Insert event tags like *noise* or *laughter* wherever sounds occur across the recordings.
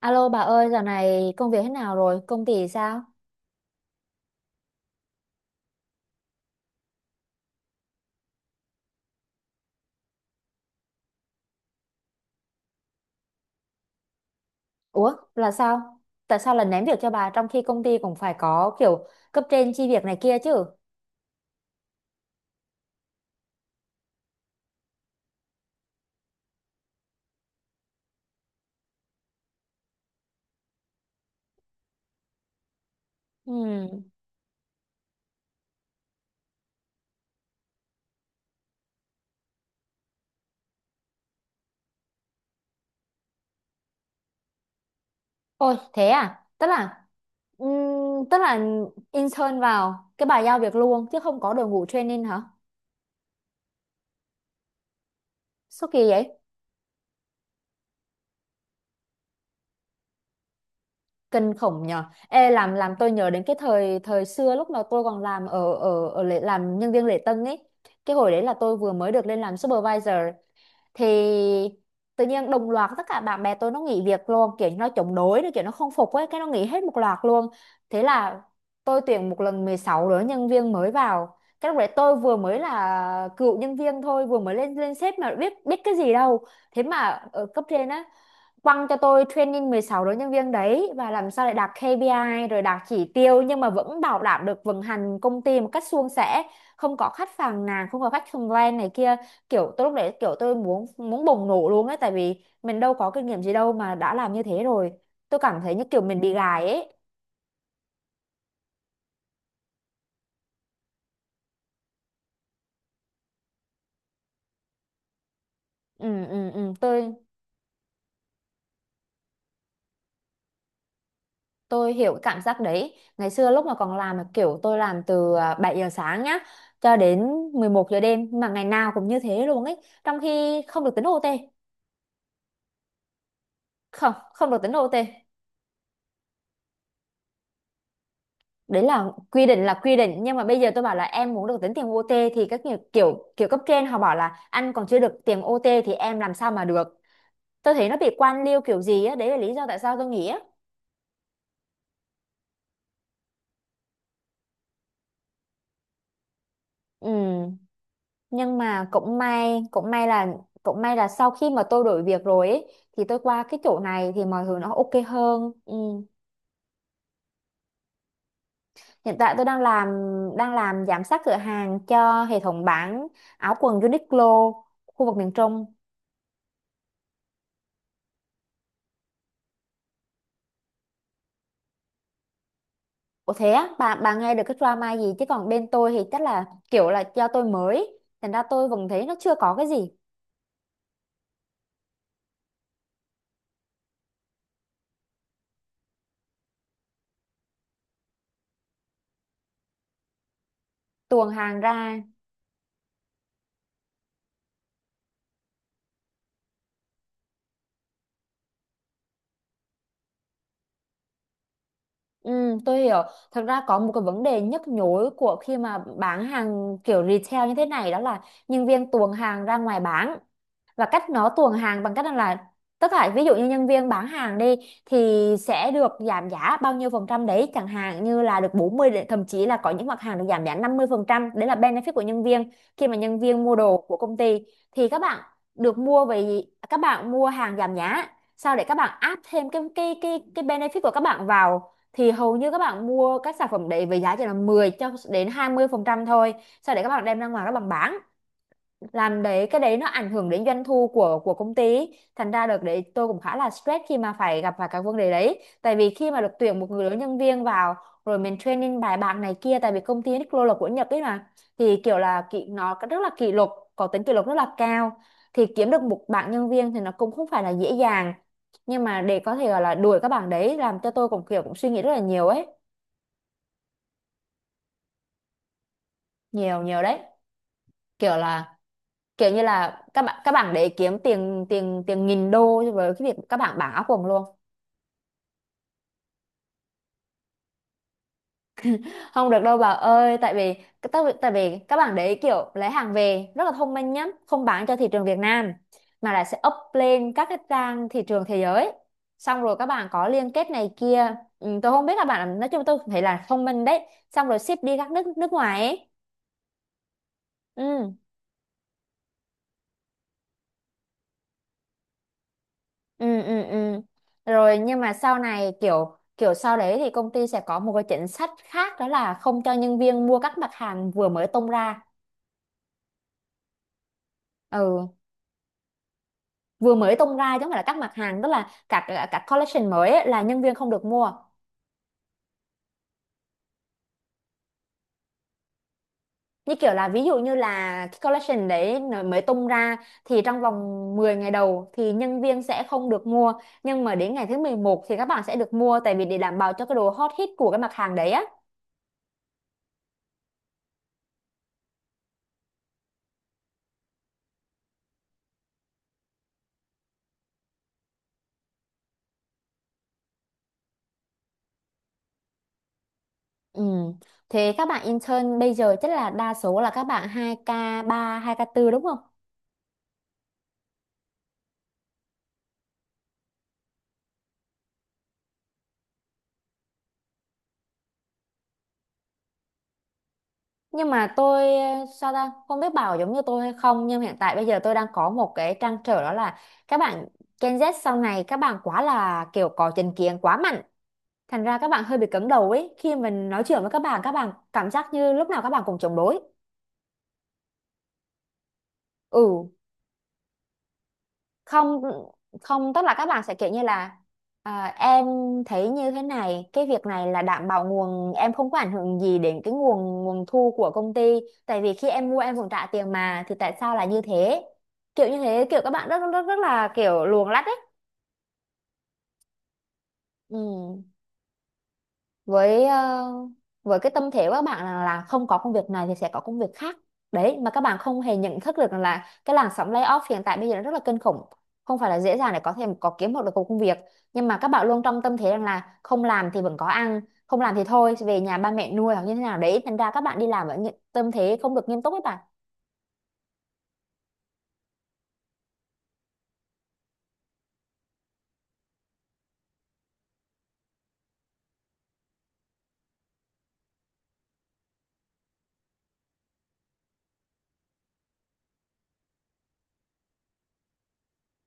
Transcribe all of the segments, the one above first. Alo bà ơi, dạo này công việc thế nào rồi? Công ty sao? Ủa, là sao? Tại sao lại ném việc cho bà trong khi công ty cũng phải có kiểu cấp trên chi việc này kia chứ? Ừm, Ôi, thế à? Tức là intern vào cái bà giao việc luôn chứ không có đội ngũ training hả? Sao kỳ vậy? Kinh khủng nhờ. Ê làm tôi nhớ đến cái thời thời xưa lúc mà tôi còn làm ở ở ở lễ, làm nhân viên lễ tân ấy. Cái hồi đấy là tôi vừa mới được lên làm supervisor thì tự nhiên đồng loạt tất cả bạn bè tôi nó nghỉ việc luôn, kiểu như nó chống đối rồi kiểu nó không phục ấy, cái nó nghỉ hết một loạt luôn. Thế là tôi tuyển một lần 16 đứa nhân viên mới vào, cái lúc đấy tôi vừa mới là cựu nhân viên thôi, vừa mới lên lên sếp mà biết biết cái gì đâu. Thế mà ở cấp trên á quăng cho tôi training 16 đối nhân viên đấy và làm sao để đạt KPI rồi đạt chỉ tiêu, nhưng mà vẫn bảo đảm được vận hành công ty một cách suôn sẻ, không có khách phàn nàn, không có khách complain này kia. Kiểu tôi lúc đấy kiểu tôi muốn muốn bùng nổ luôn ấy, tại vì mình đâu có kinh nghiệm gì đâu mà đã làm như thế rồi. Tôi cảm thấy như kiểu mình bị gài ấy. Ừ, ừ, ừ, tôi hiểu cái cảm giác đấy. Ngày xưa lúc mà còn làm là kiểu tôi làm từ 7 giờ sáng nhá cho đến 11 giờ đêm mà ngày nào cũng như thế luôn ấy, trong khi không được tính OT. Không không được tính OT. Đấy là quy định là quy định, nhưng mà bây giờ tôi bảo là em muốn được tính tiền OT thì các kiểu kiểu kiểu cấp trên họ bảo là anh còn chưa được tiền OT thì em làm sao mà được. Tôi thấy nó bị quan liêu kiểu gì á, đấy là lý do tại sao tôi nghĩ á. Ừ, nhưng mà cũng may là sau khi mà tôi đổi việc rồi ấy, thì tôi qua cái chỗ này thì mọi thứ nó ok hơn. Ừ. Hiện tại tôi đang làm giám sát cửa hàng cho hệ thống bán áo quần Uniqlo khu vực miền Trung. Ủa thế á, bà nghe được cái drama gì, chứ còn bên tôi thì chắc là kiểu là do tôi mới thành ra tôi cũng thấy nó chưa có cái gì. Tuồng hàng ra. Ừ, tôi hiểu. Thật ra có một cái vấn đề nhức nhối của khi mà bán hàng kiểu retail như thế này, đó là nhân viên tuồng hàng ra ngoài bán. Và cách nó tuồn hàng bằng cách là tất cả, ví dụ như nhân viên bán hàng đi thì sẽ được giảm giá bao nhiêu phần trăm đấy, chẳng hạn như là được 40 đến- thậm chí là có những mặt hàng được giảm giá 50%. Đấy là benefit của nhân viên. Khi mà nhân viên mua đồ của công ty thì các bạn được mua về, các bạn mua hàng giảm giá, sau để các bạn áp thêm cái benefit của các bạn vào thì hầu như các bạn mua các sản phẩm đấy với giá chỉ là 10 cho đến 20% thôi, sau để các bạn đem ra ngoài các bạn bán. Làm đấy, cái đấy nó ảnh hưởng đến doanh thu của công ty. Thành ra đợt đấy tôi cũng khá là stress khi mà phải gặp phải các vấn đề đấy, tại vì khi mà được tuyển một người lớn nhân viên vào rồi mình training bài bản này kia, tại vì công ty Uniqlo là của Nhật ấy mà thì kiểu là kỷ nó rất là kỷ luật, có tính kỷ luật rất là cao. Thì kiếm được một bạn nhân viên thì nó cũng không phải là dễ dàng, nhưng mà để có thể gọi là đuổi các bạn đấy làm cho tôi cũng kiểu cũng suy nghĩ rất là nhiều ấy. Nhiều, nhiều đấy. Kiểu là, kiểu như là các bạn để kiếm tiền tiền tiền nghìn đô với cái việc các bạn bán áo quần luôn. Không được đâu bà ơi. Tại vì, tại vì các bạn đấy kiểu lấy hàng về rất là thông minh nhá, không bán cho thị trường Việt Nam mà là sẽ up lên các cái trang thị trường thế giới, xong rồi các bạn có liên kết này kia. Ừ, tôi không biết là bạn, nói chung tôi thấy là thông minh đấy. Xong rồi ship đi các nước nước ngoài ấy. Ừ, ừ, ừ, ừ, rồi. Nhưng mà sau này kiểu kiểu sau đấy thì công ty sẽ có một cái chính sách khác, đó là không cho nhân viên mua các mặt hàng vừa mới tung ra. Ừ, vừa mới tung ra chứ không phải là các mặt hàng, tức là các collection mới ấy, là nhân viên không được mua. Như kiểu là ví dụ như là cái collection đấy nó mới tung ra thì trong vòng 10 ngày đầu thì nhân viên sẽ không được mua, nhưng mà đến ngày thứ 11 thì các bạn sẽ được mua, tại vì để đảm bảo cho cái độ hot hit của cái mặt hàng đấy á. Ừ. Thế các bạn intern bây giờ chắc là đa số là các bạn hai k ba, hai k bốn đúng không? Nhưng mà tôi sao ta, không biết bảo giống như tôi hay không, nhưng hiện tại bây giờ tôi đang có một cái trăn trở đó là các bạn Gen Z sau này các bạn quá là kiểu có chính kiến quá mạnh, thành ra các bạn hơi bị cứng đầu ấy. Khi mình nói chuyện với các bạn, các bạn cảm giác như lúc nào các bạn cũng chống đối. Ừ, không, không, tức là các bạn sẽ kiểu như là em thấy như thế này, cái việc này là đảm bảo nguồn, em không có ảnh hưởng gì đến cái nguồn nguồn thu của công ty tại vì khi em mua em cũng trả tiền mà, thì tại sao là như thế. Kiểu như thế, kiểu các bạn rất rất rất là kiểu luồng lách ấy. Ừ. Với với cái tâm thế của các bạn là, không có công việc này thì sẽ có công việc khác. Đấy, mà các bạn không hề nhận thức được rằng là cái làn sóng layoff hiện tại bây giờ nó rất là kinh khủng, không phải là dễ dàng để có thể có kiếm một được một công việc. Nhưng mà các bạn luôn trong tâm thế rằng là không làm thì vẫn có ăn, không làm thì thôi về nhà ba mẹ nuôi hoặc như thế nào đấy, thành ra các bạn đi làm ở những tâm thế không được nghiêm túc ấy bạn.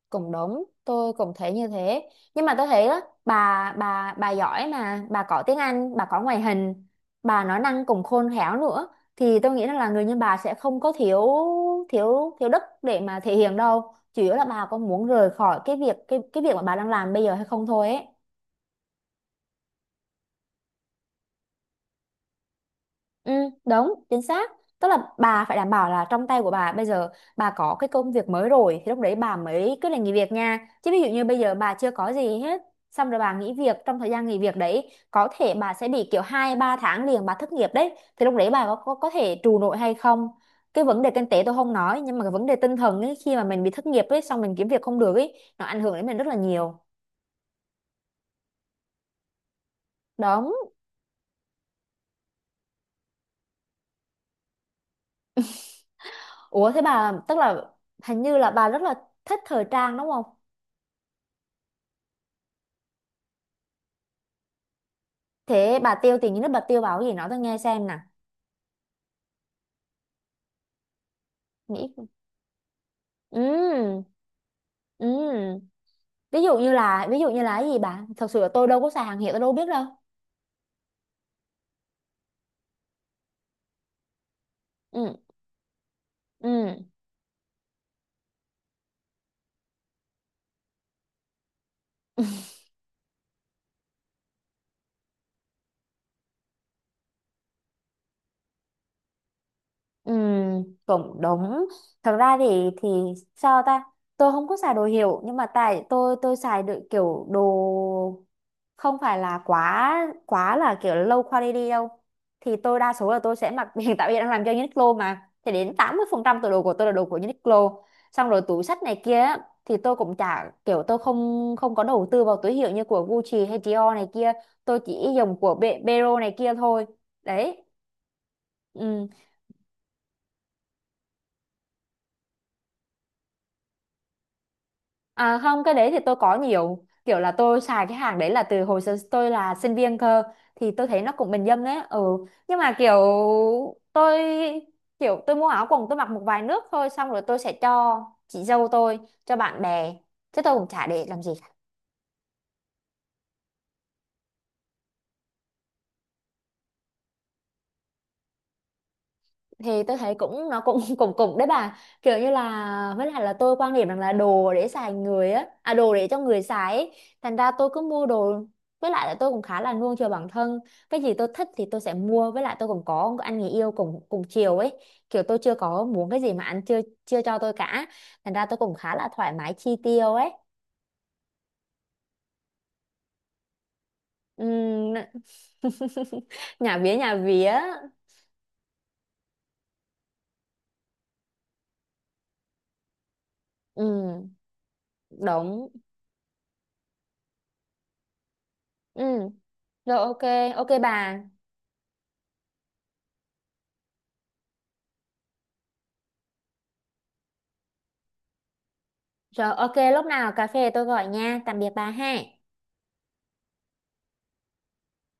Cũng đúng, tôi cũng thấy như thế. Nhưng mà tôi thấy đó bà, bà giỏi mà bà có tiếng Anh, bà có ngoại hình, bà nói năng cũng khôn khéo nữa, thì tôi nghĩ rằng là người như bà sẽ không có thiếu thiếu thiếu đức để mà thể hiện đâu, chủ yếu là bà có muốn rời khỏi cái việc cái việc mà bà đang làm bây giờ hay không thôi ấy. Ừ, đúng, chính xác. Tức là bà phải đảm bảo là trong tay của bà bây giờ bà có cái công việc mới rồi thì lúc đấy bà mới cứ là nghỉ việc nha. Chứ ví dụ như bây giờ bà chưa có gì hết, xong rồi bà nghỉ việc, trong thời gian nghỉ việc đấy, có thể bà sẽ bị kiểu 2 3 tháng liền bà thất nghiệp đấy. Thì lúc đấy bà có thể trụ nổi hay không? Cái vấn đề kinh tế tôi không nói, nhưng mà cái vấn đề tinh thần ấy, khi mà mình bị thất nghiệp ấy, xong mình kiếm việc không được ấy, nó ảnh hưởng đến mình rất là nhiều. Đúng. Ủa thế bà, tức là hình như là bà rất là thích thời trang đúng không? Thế bà tiêu tiền như nước, bà tiêu bảo gì nói tôi nghe xem nè. Nghĩ. Ừ, ừ. Ví dụ như là, ví dụ như là cái gì bà? Thật sự là tôi đâu có xài hàng hiệu, tôi đâu biết đâu. Ừ. Ừ. Ừ, cũng đúng. Thật ra thì sao ta? Tôi không có xài đồ hiệu, nhưng mà tại tôi xài được kiểu đồ không phải là quá quá là kiểu low quality đâu. Thì tôi đa số là tôi sẽ mặc *laughs* hiện tại bây giờ đang làm cho Uniqlo mà thì đến 80% từ đồ của tôi là đồ của Uniqlo. Xong rồi túi xách này kia á, thì tôi cũng chả kiểu tôi không không có đầu tư vào túi hiệu như của Gucci hay Dior này kia, tôi chỉ dùng của Bero này kia thôi. Đấy. Ừ. À không, cái đấy thì tôi có nhiều. Kiểu là tôi xài cái hàng đấy là từ hồi tôi là sinh viên cơ. Thì tôi thấy nó cũng bình dân đấy. Ừ. Nhưng mà tôi kiểu tôi mua áo quần tôi mặc một vài nước thôi xong rồi tôi sẽ cho chị dâu tôi, cho bạn bè. Chứ tôi cũng chả để làm gì. Thì tôi thấy cũng nó cũng *laughs* cũng cũng đấy bà, kiểu như là với lại là tôi quan niệm rằng là đồ để xài người á à đồ để cho người xài ấy. Thành ra tôi cứ mua đồ, với lại là tôi cũng khá là nuông chiều bản thân, cái gì tôi thích thì tôi sẽ mua. Với lại tôi cũng có một anh người yêu cùng cùng chiều ấy, kiểu tôi chưa có muốn cái gì mà anh chưa chưa cho tôi cả, thành ra tôi cũng khá là thoải mái chi tiêu ấy. Ừm. *laughs* Nhà vía nhà vía. Ừ, đúng. Ừ, rồi ok, ok bà. Rồi ok, lúc nào cà phê tôi gọi nha. Tạm biệt bà ha.